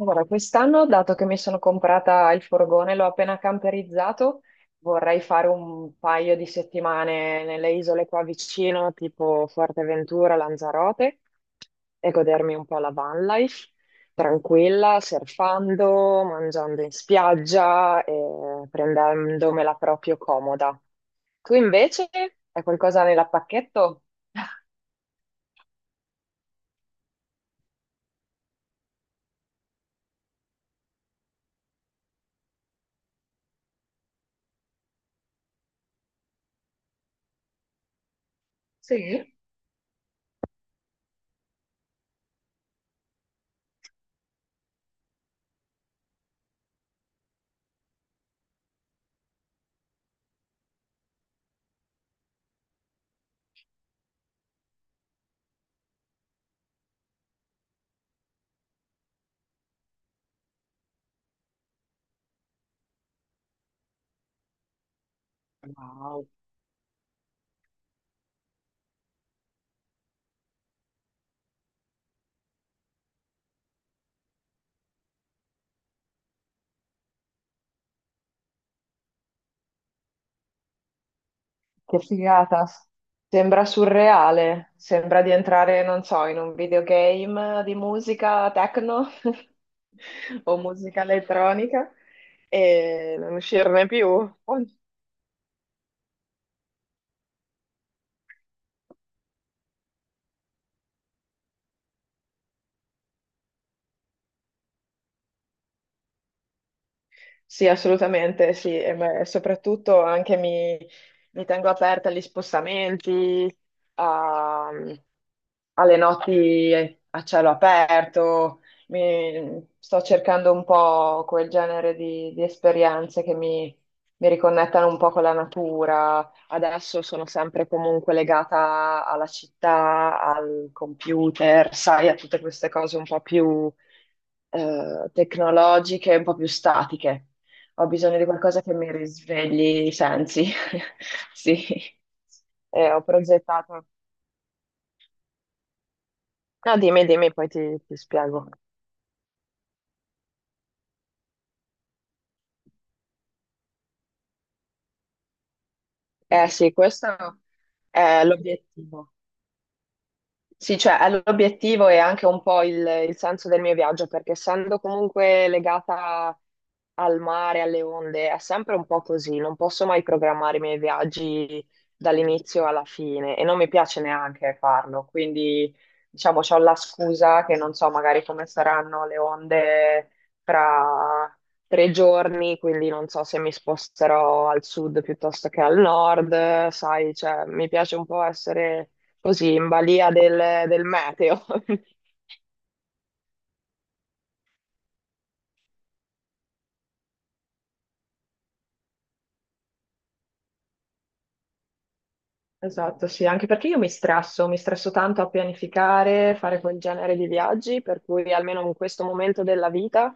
Allora, quest'anno, dato che mi sono comprata il furgone, l'ho appena camperizzato, vorrei fare un paio di settimane nelle isole qua vicino, tipo Fuerteventura, Lanzarote, e godermi un po' la van life, tranquilla, surfando, mangiando in spiaggia e prendendomela proprio comoda. Tu invece? Hai qualcosa nella pacchetto? Sì. Wow. Che figata. Sembra surreale, sembra di entrare, non so, in un videogame di musica techno o musica elettronica e non uscirne più. Sì, assolutamente, sì, e beh, soprattutto anche mi tengo aperta agli spostamenti, a- alle notti a cielo aperto. Sto cercando un po' quel genere di esperienze che mi riconnettano un po' con la natura. Adesso sono sempre comunque legata alla città, al computer, sai, a tutte queste cose un po' più tecnologiche, un po' più statiche. Ho bisogno di qualcosa che mi risvegli i sensi. Sì. Ho progettato. No, dimmi, dimmi, poi ti spiego. Eh sì, questo è l'obiettivo. Sì, cioè l'obiettivo è anche un po' il senso del mio viaggio, perché essendo comunque legata al mare, alle onde, è sempre un po' così, non posso mai programmare i miei viaggi dall'inizio alla fine e non mi piace neanche farlo, quindi diciamo c'ho la scusa che non so magari come saranno le onde fra tre giorni, quindi non so se mi sposterò al sud piuttosto che al nord, sai, cioè mi piace un po' essere così in balia del meteo. Esatto, sì, anche perché io mi stresso tanto a pianificare, fare quel genere di viaggi, per cui almeno in questo momento della vita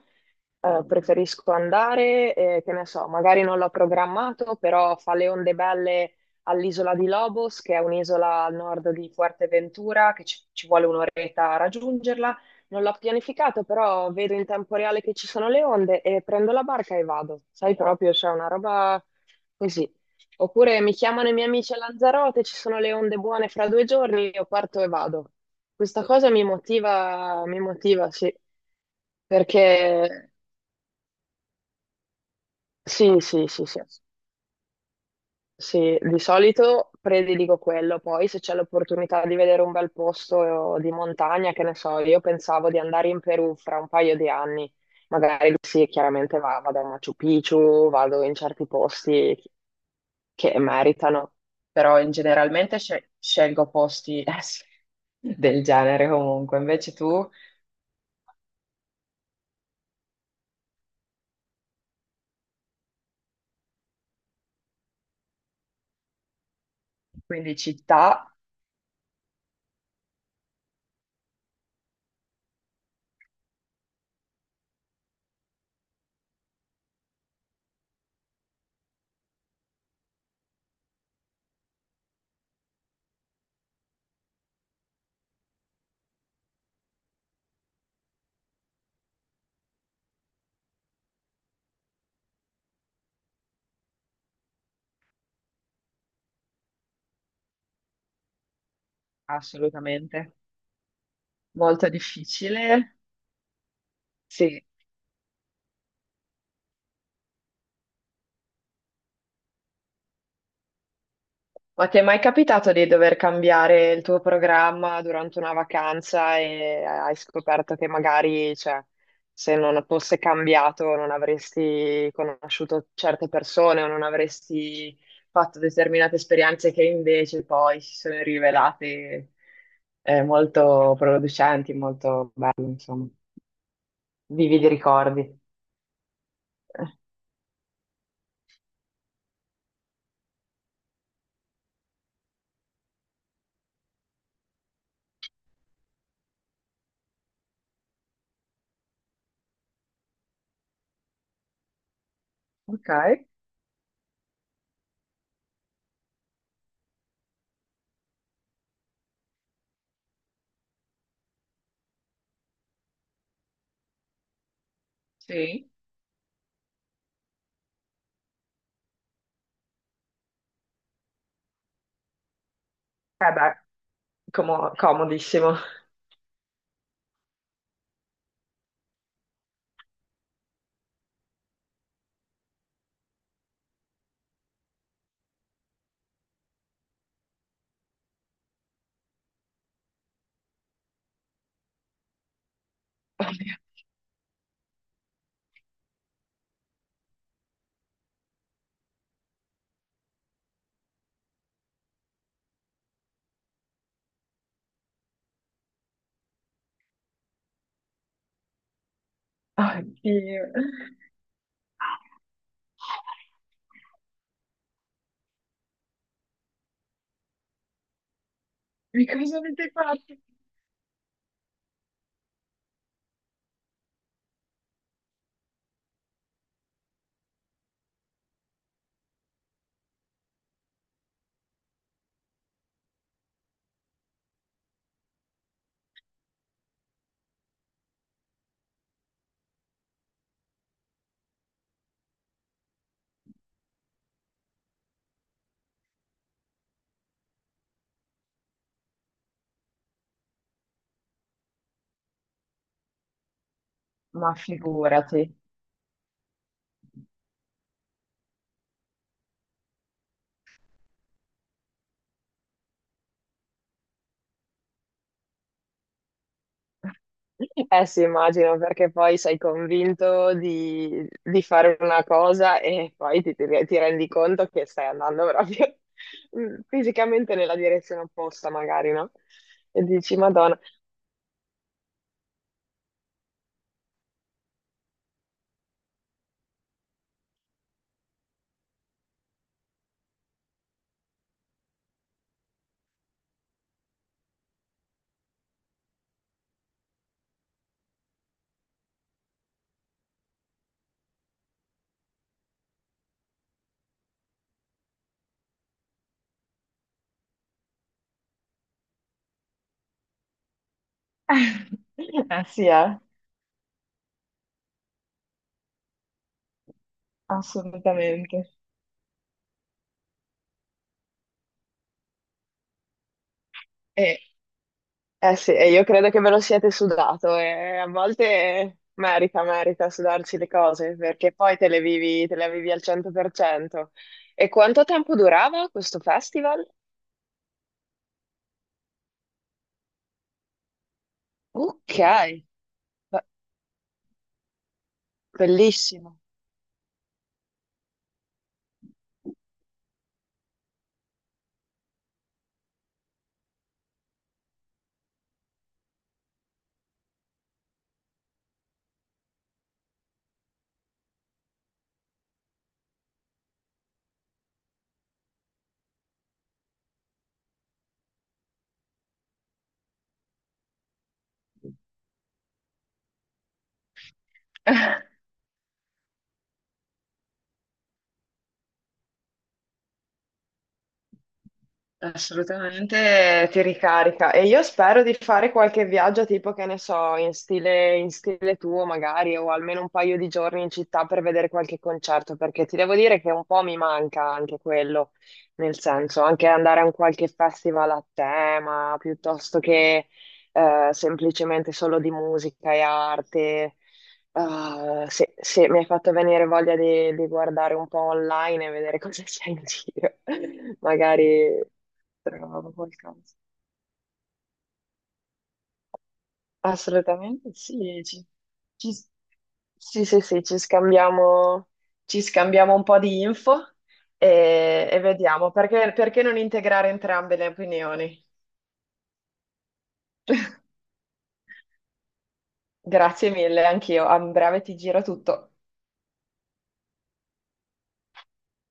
preferisco andare, e, che ne so, magari non l'ho programmato, però fa le onde belle all'isola di Lobos, che è un'isola al nord di Fuerteventura, che ci vuole un'oretta a raggiungerla. Non l'ho pianificato, però vedo in tempo reale che ci sono le onde e prendo la barca e vado. Sai proprio, c'è una roba così. Oppure mi chiamano i miei amici a Lanzarote, ci sono le onde buone fra due giorni, io parto e vado. Questa cosa mi motiva, sì, perché sì, sì, sì, sì. Sì, di solito prediligo quello, poi se c'è l'opportunità di vedere un bel posto di montagna, che ne so, io pensavo di andare in Perù fra un paio di anni, magari sì, chiaramente vado a Machu Picchu, vado in certi posti che meritano, però in generalmente scelgo posti del genere comunque, invece tu, quindi città, assolutamente, molto difficile, sì. Ma ti è mai capitato di dover cambiare il tuo programma durante una vacanza e hai scoperto che magari, cioè, se non fosse cambiato non avresti conosciuto certe persone o non avresti fatto determinate esperienze che invece poi si sono rivelate molto producenti, molto belle, insomma, vividi ricordi. Eh. Ok, sì. Eh beh, comodissimo. Oddio. E cosa avete fatto? Ma figurati. Eh sì, immagino, perché poi sei convinto di fare una cosa e poi ti rendi conto che stai andando proprio fisicamente nella direzione opposta, magari, no? E dici, Madonna. Eh sì, assolutamente. E Eh sì, e io credo che ve lo siete sudato e a volte merita, merita sudarsi le cose perché poi te le vivi al 100%. E quanto tempo durava questo festival? Ok, be- bellissimo. Assolutamente ti ricarica e io spero di fare qualche viaggio tipo che ne so, in stile tuo magari o almeno un paio di giorni in città per vedere qualche concerto perché ti devo dire che un po' mi manca anche quello, nel senso anche andare a un qualche festival a tema piuttosto che semplicemente solo di musica e arte. Ah, sì, sì, mi hai fatto venire voglia di guardare un po' online e vedere cosa c'è in giro. Magari trovo qualcosa. Assolutamente sì, ci, ci- sì, sì, sì, ci scambiamo un po' di info e vediamo perché non integrare entrambe le opinioni. Grazie mille, anch'io. A breve ti giro tutto.